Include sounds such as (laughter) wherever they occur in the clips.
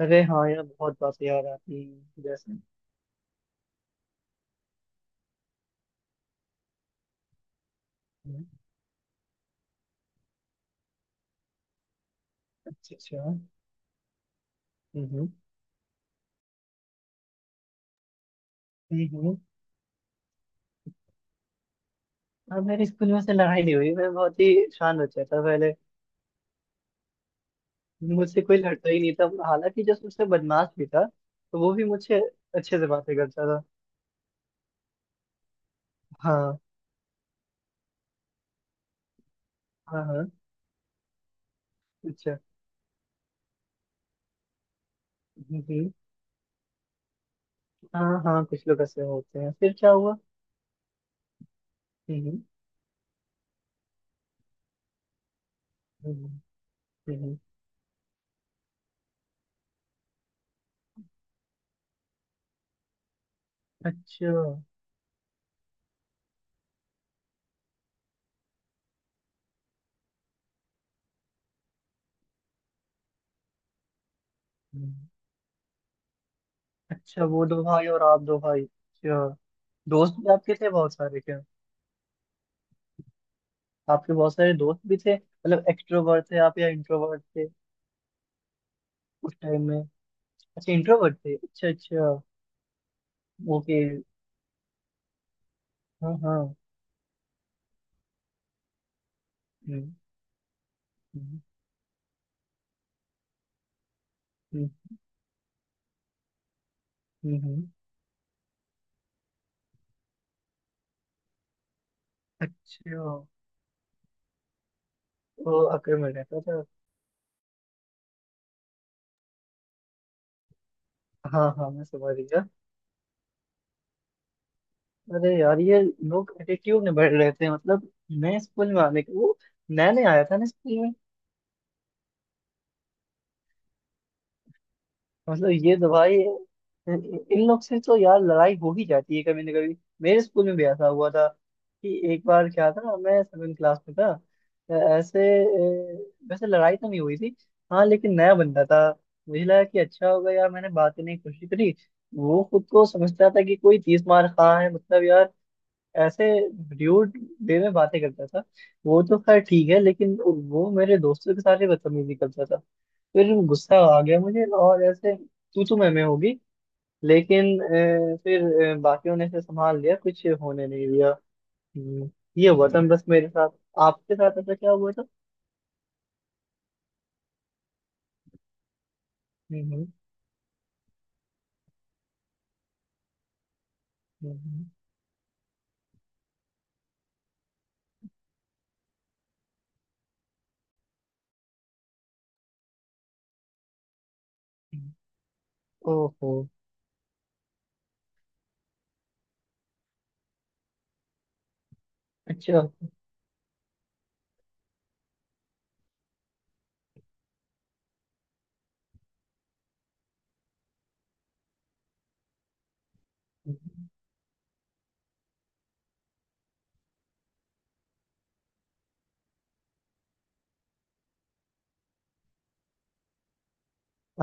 अरे हाँ यार, बहुत बातें याद आती हैं जैसे। हम्म। अच्छा अच्छा। हम्म हम्म। अब मेरे स्कूल में से लड़ाई नहीं हुई, मैं बहुत ही शांत बच्चा था पहले। मुझसे कोई लड़ता ही नहीं था। हालांकि जो सबसे बदमाश भी था, तो वो भी मुझसे अच्छे से बातें करता था। हाँ हाँ हाँ। अच्छा। हम्म। हाँ हाँ, कुछ लोग ऐसे होते हैं, फिर क्या हुआ? हम्म हम्म हम्म, हम्म। अच्छा, हम्म। अच्छा, वो दो भाई और आप दो भाई, अच्छा। दोस्त भी आपके थे बहुत सारे क्या? आपके बहुत सारे दोस्त भी थे मतलब, एक्सट्रोवर्ट थे आप या इंट्रोवर्ट थे उस टाइम में? अच्छा, इंट्रोवर्ट थे, अच्छा अच्छा। ओके। हाँ हाँ। हम्म हम्म हम्म हम्म, हम्म। अच्छा। वो आखिर में रहता था। हाँ हाँ, मैं समझ गया। अरे यार, ये लोग एटीट्यूड में बढ़ रहे थे मतलब। नए स्कूल में आने के वो, नया नया आया था ना स्कूल में। मतलब ये तो भाई, इन इन लोग से तो यार लड़ाई हो ही जाती है कभी ना कभी। मेरे स्कूल में भी ऐसा हुआ था कि एक बार क्या था, मैं सेवन क्लास में था। ऐसे, वैसे लड़ाई तो नहीं हुई थी। हाँ, लेकिन नया बंदा था। मुझे लगा कि अच्छा होगा यार, मैंने बात करने की कोशिश करी। वो खुद को समझता था कि कोई तीस मार खा है, मतलब यार ऐसे, ड्यूड वे में बातें करता था। वो तो खैर ठीक है, लेकिन वो मेरे दोस्तों के साथ ही बदतमीजी करता था। फिर गुस्सा आ गया मुझे, और ऐसे तू तो मैं में होगी। लेकिन फिर बाकियों ने इसे संभाल लिया, कुछ होने नहीं दिया। हम्म, ये हुआ था बस मेरे साथ। आपके साथ ऐसा क्या हुआ था? हम्म हम्म, हम्म, हम्म। ओहो। अच्छा।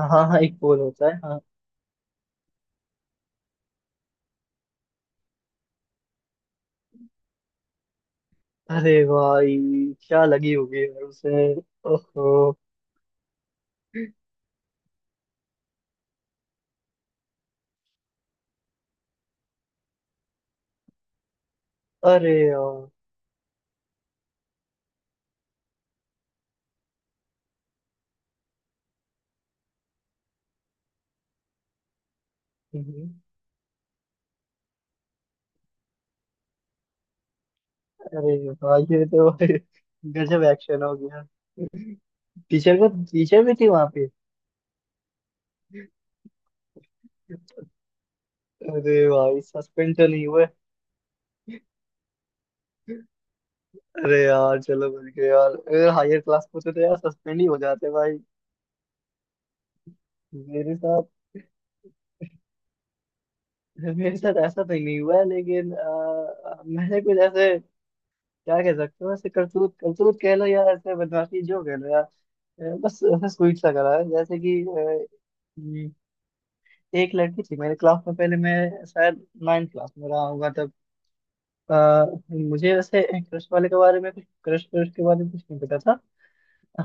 हाँ हाँ, एक बोल होता है, हाँ। अरे भाई, क्या लगी होगी यार उसे। ओहो। अरे यार। हम्म। अरे भाई, ये तो (laughs) गजब एक्शन हो गया। टीचर को, टीचर भी थी वहां पे। अरे भाई, सस्पेंड तो नहीं हुए? अरे यार, चलो बच गए यार, अगर हायर क्लास में होते तो यार सस्पेंड ही हो जाते भाई। मेरे साथ मेरे साथ ऐसा तो नहीं हुआ है, लेकिन मैंने कुछ ऐसे, क्या कह सकते हो, ऐसे करतूत करतूत कह लो या ऐसे बदमाशी जो कह लो यार। बस ऐसा स्वीट सा करा है, जैसे कि हम्म। एक लड़की थी मेरे क्लास में, पहले मैं शायद नाइन्थ क्लास में रहा होगा तब। मुझे वैसे क्रश वाले के बारे में कुछ, क्रश क्रश के बारे में कुछ नहीं पता था।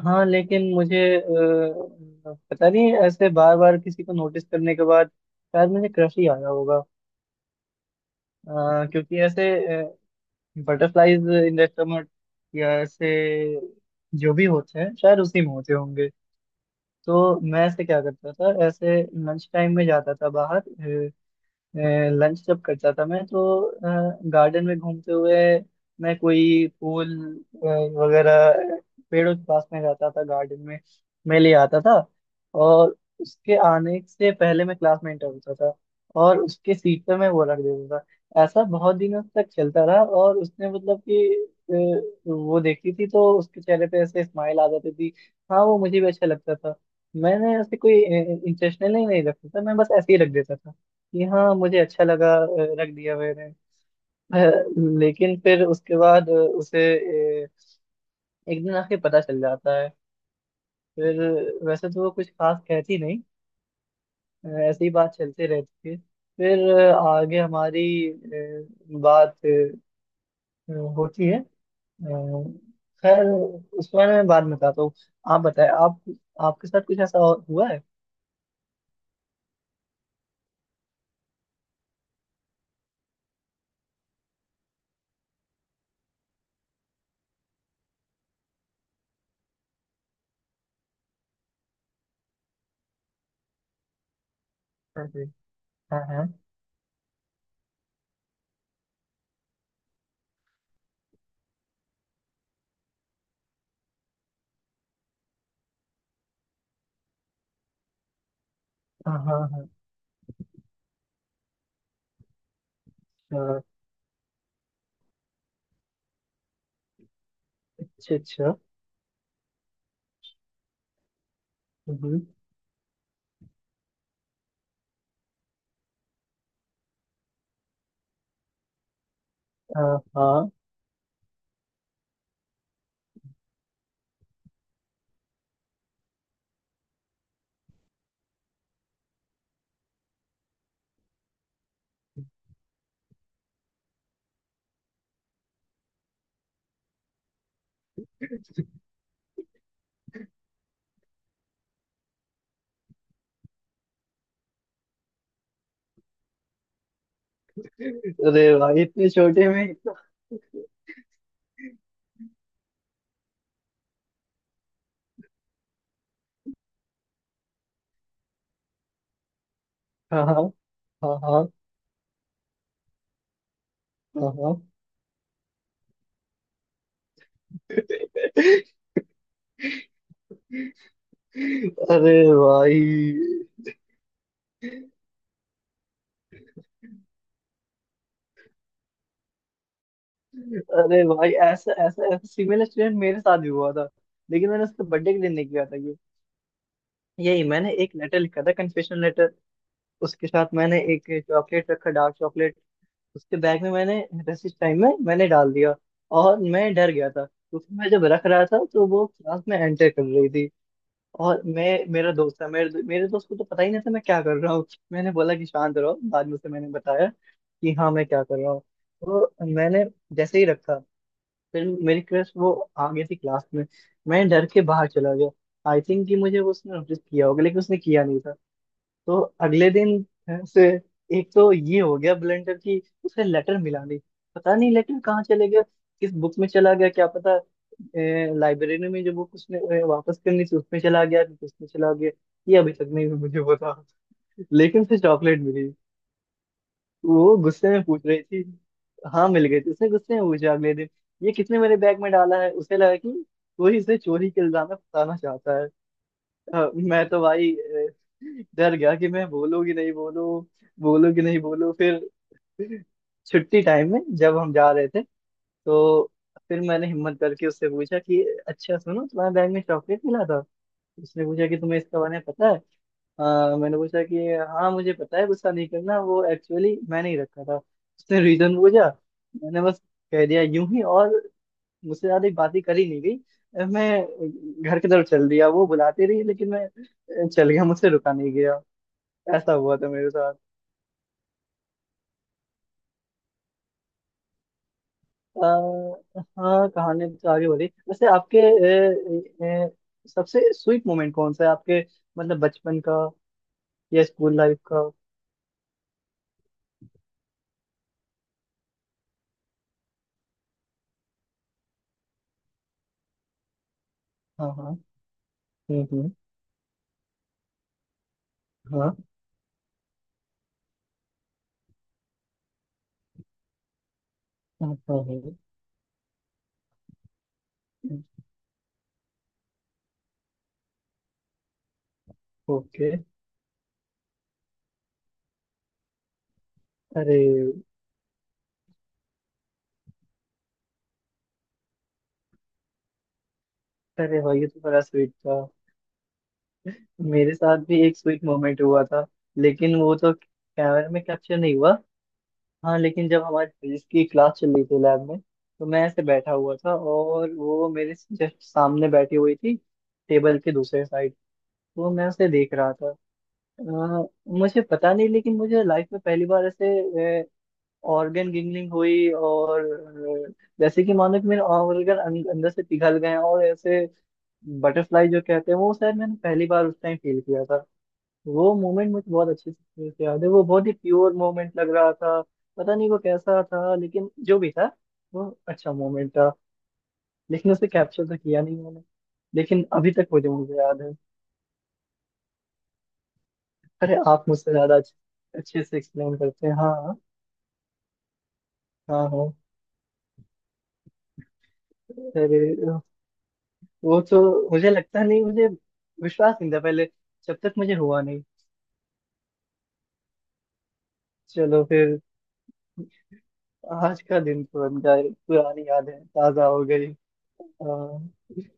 हाँ लेकिन मुझे पता नहीं, ऐसे बार बार किसी को नोटिस करने के बाद शायद मुझे क्रश ही आया होगा। क्योंकि ऐसे बटरफ्लाईज इंडस्ट्रोमट या ऐसे, जो भी होते हैं शायद उसी में होते होंगे। तो मैं ऐसे क्या करता था, ऐसे लंच टाइम में जाता था बाहर। लंच जब करता था मैं, तो गार्डन में घूमते हुए मैं कोई फूल अ, वगैरह, पेड़ों के पास में जाता था, गार्डन में मैं ले आता था। और उसके आने से पहले मैं क्लास में इंटर होता था, और उसके सीट पे मैं वो रख देता था। ऐसा बहुत दिनों तक चलता रहा, और उसने मतलब कि वो देखती थी तो उसके चेहरे पे ऐसे स्माइल आ जाती थी। हाँ, वो मुझे भी अच्छा लगता था। मैंने ऐसे कोई इंटेंशनली नहीं रखता था, मैं बस ऐसे ही रख देता था कि हाँ मुझे अच्छा लगा, रख दिया मैंने। अ, लेकिन फिर उसके बाद उसे अ, एक दिन आके पता चल जाता है। फिर वैसे तो वो कुछ खास कहती नहीं, ऐसे ही बात चलते रहती है। फिर आगे हमारी बात होती है खैर, उस बारे में बाद में बताता हूँ। आप बताएं, आप, आपके साथ कुछ ऐसा और हुआ है? हाँ जी। हाँ हाँ हाँ हाँ हाँ, अच्छा अच्छा, हम्म, अ, हाँ। अरे भाई, इतने छोटे में इतना! हाँ हाँ हाँ हाँ हाँ हाँ। अरे भाई। अरे भाई, ऐसा ऐसा ऐसा सिमिलर एक्सीडेंट मेरे साथ भी हुआ था, लेकिन मैंने उसके बर्थडे के दिन नहीं किया था ये। यही मैंने एक लेटर लिखा था, कन्फेशनल लेटर। उसके साथ मैंने एक चॉकलेट रखा, डार्क चॉकलेट। उसके बैग में मैंने, रेसिस टाइम में मैंने डाल दिया। और मैं डर गया था, क्योंकि मैं जब रख रहा था तो वो क्लास में एंटर कर रही थी। और मैं, मेरा दोस्त था, मेरे मेरे दोस्त को तो पता ही नहीं था मैं क्या कर रहा हूँ। मैंने बोला कि शांत रहो, बाद में उसे मैंने बताया कि हाँ मैं क्या कर रहा हूँ। तो मैंने, जैसे ही रखा, फिर मेरी क्रश, वो आ गई थी क्लास में, मैं डर के बाहर चला गया। आई थिंक कि मुझे वो, उसने नोटिस किया होगा, लेकिन उसने किया नहीं था। तो अगले दिन से, एक तो ये हो गया ब्लेंडर की, उसे लेटर मिला नहीं। पता नहीं लेटर कहाँ चले गया, किस बुक में चला गया क्या पता, लाइब्रेरी में जो बुक उसने वापस करनी थी उसमें चला गया कि किसमें चला गया, ये अभी तक नहीं मुझे पता। लेकिन उसे चॉकलेट मिली, वो गुस्से में पूछ रही थी। हाँ मिल गई थी, उसने गुस्से में पूछा अगले दिन, ये किसने मेरे बैग में डाला है? उसे लगा कि कोई इसे चोरी के इल्जाम में फंसाना चाहता है। हाँ, मैं तो भाई डर गया, कि मैं बोलूँ कि नहीं बोलूँ, बोलूँ कि नहीं बोलूँ। फिर छुट्टी टाइम में जब हम जा रहे थे, तो फिर मैंने हिम्मत करके उससे पूछा कि अच्छा सुनो, तुम्हारे बैग में चॉकलेट मिला था? उसने पूछा कि तुम्हें इसका बारे में पता है? मैंने पूछा कि हाँ, मुझे पता है, गुस्सा नहीं करना, वो एक्चुअली मैंने ही रखा था। उसने रीजन पूछा, मैंने बस कह दिया यूं ही, और मुझसे ज्यादा बातें करी नहीं गई, मैं घर की तरफ चल दिया। वो बुलाते रही, लेकिन मैं चल गया, मुझसे रुका नहीं गया। ऐसा हुआ था मेरे साथ। हाँ, कहानी तो आगे बढ़ी। वैसे आपके, सबसे स्वीट मोमेंट कौन सा है आपके? मतलब बचपन का, या स्कूल लाइफ का? हाँ हाँ, हम्म हम्म, हाँ हाँ हाँ हाँ, ओके। अरे। अरे भाई, ये तो बड़ा स्वीट था। मेरे साथ भी एक स्वीट मोमेंट हुआ था, लेकिन वो तो कैमरे में कैप्चर नहीं हुआ। हाँ, लेकिन जब हमारी फिजिक्स की क्लास चल रही थी लैब में, तो मैं ऐसे बैठा हुआ था और वो मेरे जस्ट सामने बैठी हुई थी, टेबल के दूसरे साइड। तो मैं उसे देख रहा था। अ, मुझे पता नहीं, लेकिन मुझे लाइफ में पहली बार ऐसे ऑर्गन गिंगलिंग हुई, और अ, जैसे कि मानो कि मेरे ऑर्गन अंदर से पिघल गए हैं, और ऐसे बटरफ्लाई जो कहते हैं, वो शायद मैंने पहली बार उस टाइम फील किया था। वो मोमेंट मुझे बहुत अच्छे से याद है, वो बहुत ही प्योर मोमेंट लग रहा था। पता नहीं वो कैसा था, लेकिन जो भी था, वो अच्छा मोमेंट था। लेकिन उसे कैप्चर तो किया नहीं मैंने, लेकिन अभी तक मुझे मुझे याद है। अरे, आप मुझसे ज्यादा अच्छे, अच्छे से एक्सप्लेन करते हैं, हाँ। हाँ हाँ। अरे, वो तो मुझे लगता नहीं, मुझे विश्वास नहीं था पहले, जब तक मुझे हुआ नहीं। चलो फिर, आज का दिन तो बन जाए, पुरानी यादें ताजा हो गई। हाँ